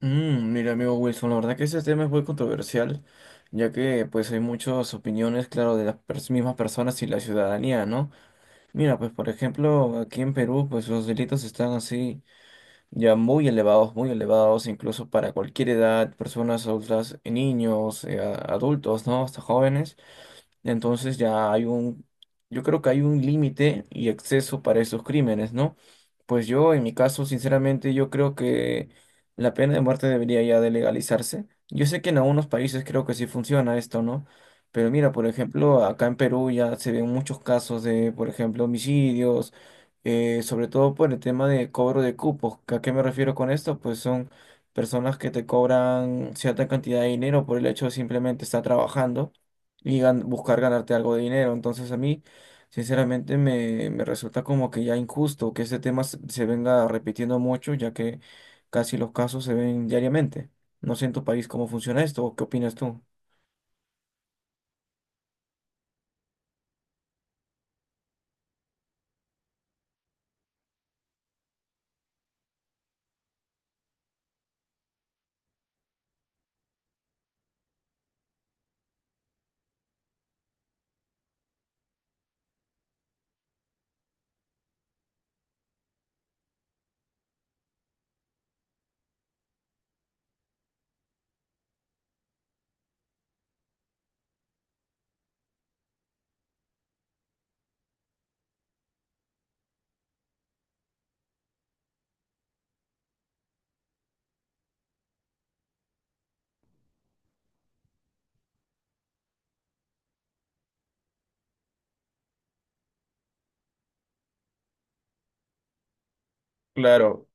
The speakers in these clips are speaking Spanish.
Mira, amigo Wilson, la verdad que ese tema es muy controversial, ya que pues hay muchas opiniones, claro, de las mismas personas y la ciudadanía, ¿no? Mira, pues por ejemplo, aquí en Perú, pues los delitos están así ya muy elevados, incluso para cualquier edad, personas adultas, niños, adultos, ¿no? Hasta jóvenes. Entonces ya hay un, yo creo que hay un límite y exceso para esos crímenes, ¿no? Pues yo, en mi caso, sinceramente, yo creo que la pena de muerte debería ya de legalizarse. Yo sé que en algunos países creo que sí funciona esto, ¿no? Pero mira, por ejemplo, acá en Perú ya se ven muchos casos de, por ejemplo, homicidios, sobre todo por el tema de cobro de cupos. ¿A qué me refiero con esto? Pues son personas que te cobran cierta cantidad de dinero por el hecho de simplemente estar trabajando y buscar ganarte algo de dinero. Entonces a mí, sinceramente, me resulta como que ya injusto que este tema se venga repitiendo mucho, ya que casi los casos se ven diariamente. No sé en tu país cómo funciona esto, o ¿qué opinas tú? Claro,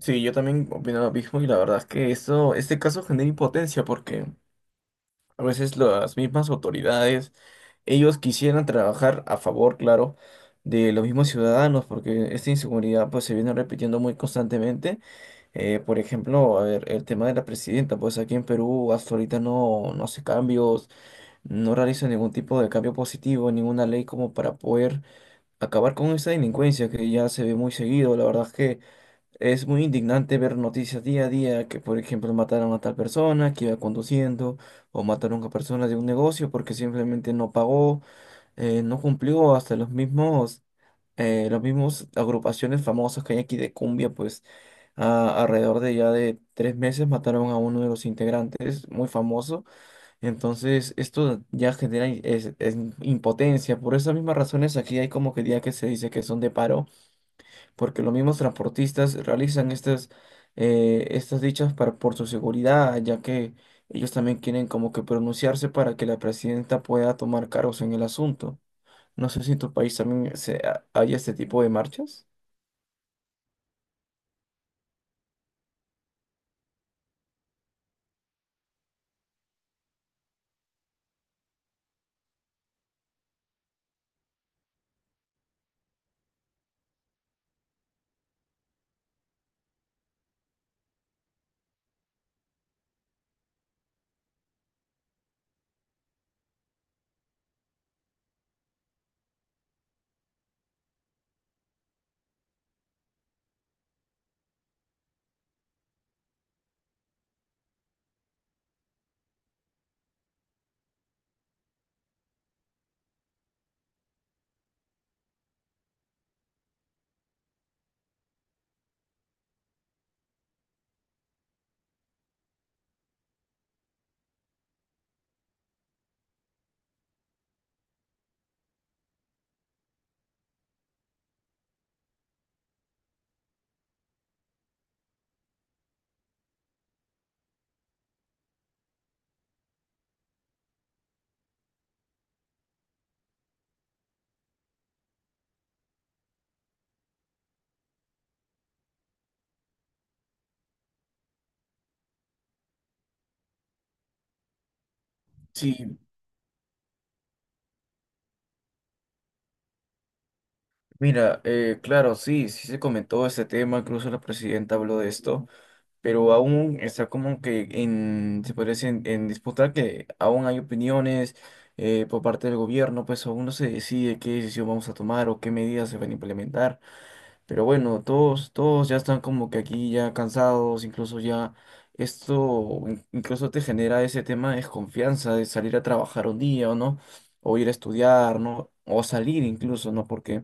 sí, yo también opino lo mismo y la verdad es que esto, este caso genera impotencia porque a veces las mismas autoridades, ellos quisieran trabajar a favor, claro, de los mismos ciudadanos porque esta inseguridad pues se viene repitiendo muy constantemente. Por ejemplo, a ver, el tema de la presidenta, pues aquí en Perú hasta ahorita no hace cambios, no realiza ningún tipo de cambio positivo, ninguna ley como para poder acabar con esa delincuencia que ya se ve muy seguido. La verdad es que es muy indignante ver noticias día a día que, por ejemplo, mataron a tal persona que iba conduciendo o mataron a personas de un negocio porque simplemente no pagó, no cumplió hasta los mismos agrupaciones famosas que hay aquí de cumbia, pues alrededor de ya de tres meses mataron a uno de los integrantes, muy famoso. Entonces, esto ya genera es impotencia. Por esas mismas razones, aquí hay como que día que se dice que son de paro, porque los mismos transportistas realizan estas, estas dichas para, por su seguridad, ya que ellos también quieren como que pronunciarse para que la presidenta pueda tomar cargos en el asunto. No sé si en tu país también hay este tipo de marchas. Sí, mira, claro, sí se comentó este tema, incluso la presidenta habló de esto, pero aún está como que en, se podría decir, en disputa que aún hay opiniones por parte del gobierno, pues aún no se decide qué decisión vamos a tomar o qué medidas se van a implementar, pero bueno, todos ya están como que aquí ya cansados, incluso ya esto, incluso te genera ese tema de desconfianza de salir a trabajar un día o no, o ir a estudiar, ¿no? O salir incluso, ¿no? Porque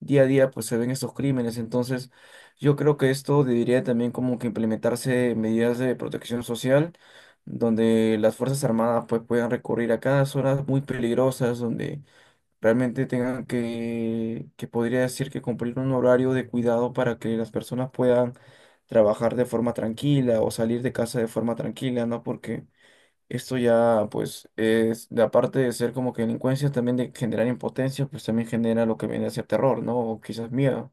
día a día pues se ven estos crímenes. Entonces, yo creo que esto debería también como que implementarse medidas de protección social, donde las Fuerzas Armadas pues puedan recurrir a cada zonas muy peligrosas, donde realmente tengan que podría decir que cumplir un horario de cuidado para que las personas puedan trabajar de forma tranquila o salir de casa de forma tranquila, ¿no? Porque esto ya, pues, es, de aparte de ser como que delincuencia, también de generar impotencia, pues también genera lo que viene a ser terror, ¿no? O quizás miedo.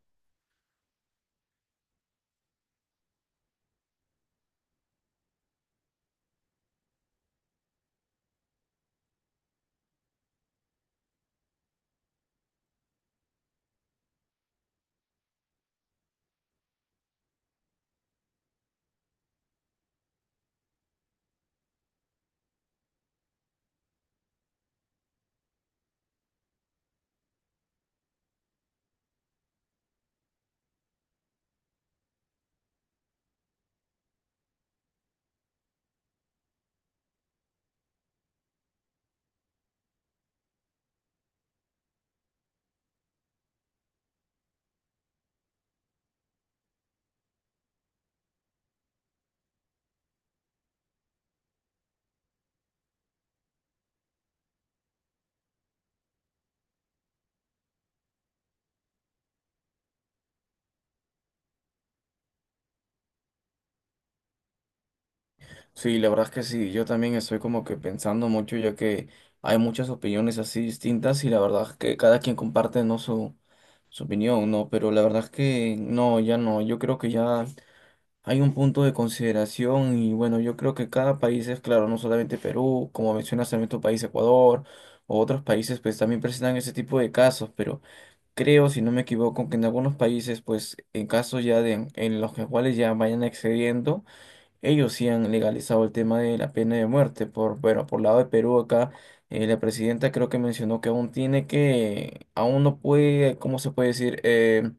Sí, la verdad es que sí, yo también estoy como que pensando mucho, ya que hay muchas opiniones así distintas y la verdad es que cada quien comparte, ¿no? Su opinión, ¿no? Pero la verdad es que no, ya no, yo creo que ya hay un punto de consideración y bueno, yo creo que cada país es claro, no solamente Perú, como mencionas también tu país, Ecuador, o otros países, pues también presentan ese tipo de casos, pero... Creo, si no me equivoco, que en algunos países, pues en casos ya de, en los que cuales ya vayan excediendo, ellos sí han legalizado el tema de la pena de muerte. Por, bueno, por lado de Perú acá, la presidenta creo que mencionó que aún tiene que, aún no puede, ¿cómo se puede decir?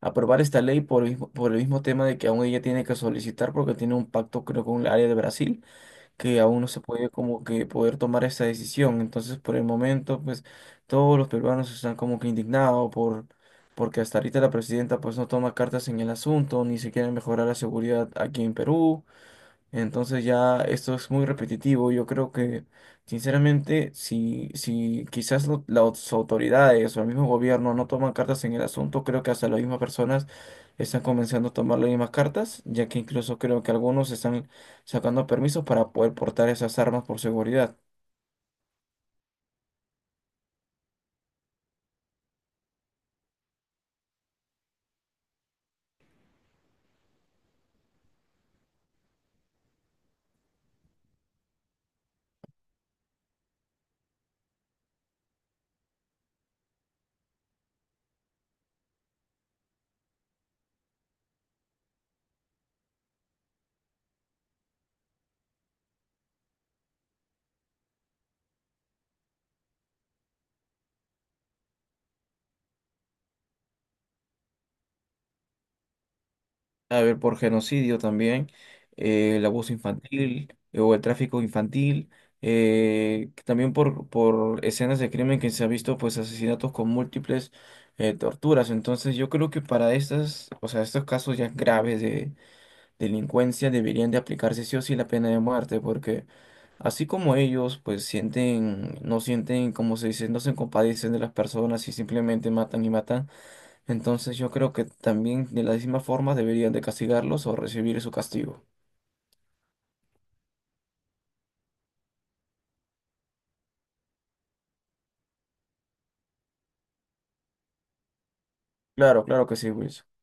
Aprobar esta ley por el mismo tema de que aún ella tiene que solicitar porque tiene un pacto creo con el área de Brasil que aún no se puede como que poder tomar esa decisión. Entonces, por el momento, pues todos los peruanos están como que indignados por, porque hasta ahorita la presidenta pues no toma cartas en el asunto, ni siquiera mejorar la seguridad aquí en Perú. Entonces ya esto es muy repetitivo. Yo creo que, sinceramente, si quizás las autoridades o el mismo gobierno no toman cartas en el asunto, creo que hasta las mismas personas están comenzando a tomar las mismas cartas, ya que incluso creo que algunos están sacando permisos para poder portar esas armas por seguridad. A ver, por genocidio también, el abuso infantil, o el tráfico infantil, que también por escenas de crimen que se ha visto pues asesinatos con múltiples torturas. Entonces yo creo que para estas, o sea, estos casos ya graves de delincuencia deberían de aplicarse sí o sí la pena de muerte, porque así como ellos pues sienten, no sienten, como se dice, no se compadecen de las personas y simplemente matan y matan. Entonces yo creo que también de la misma forma deberían de castigarlos o recibir su castigo. Claro, claro que sí, Wilson.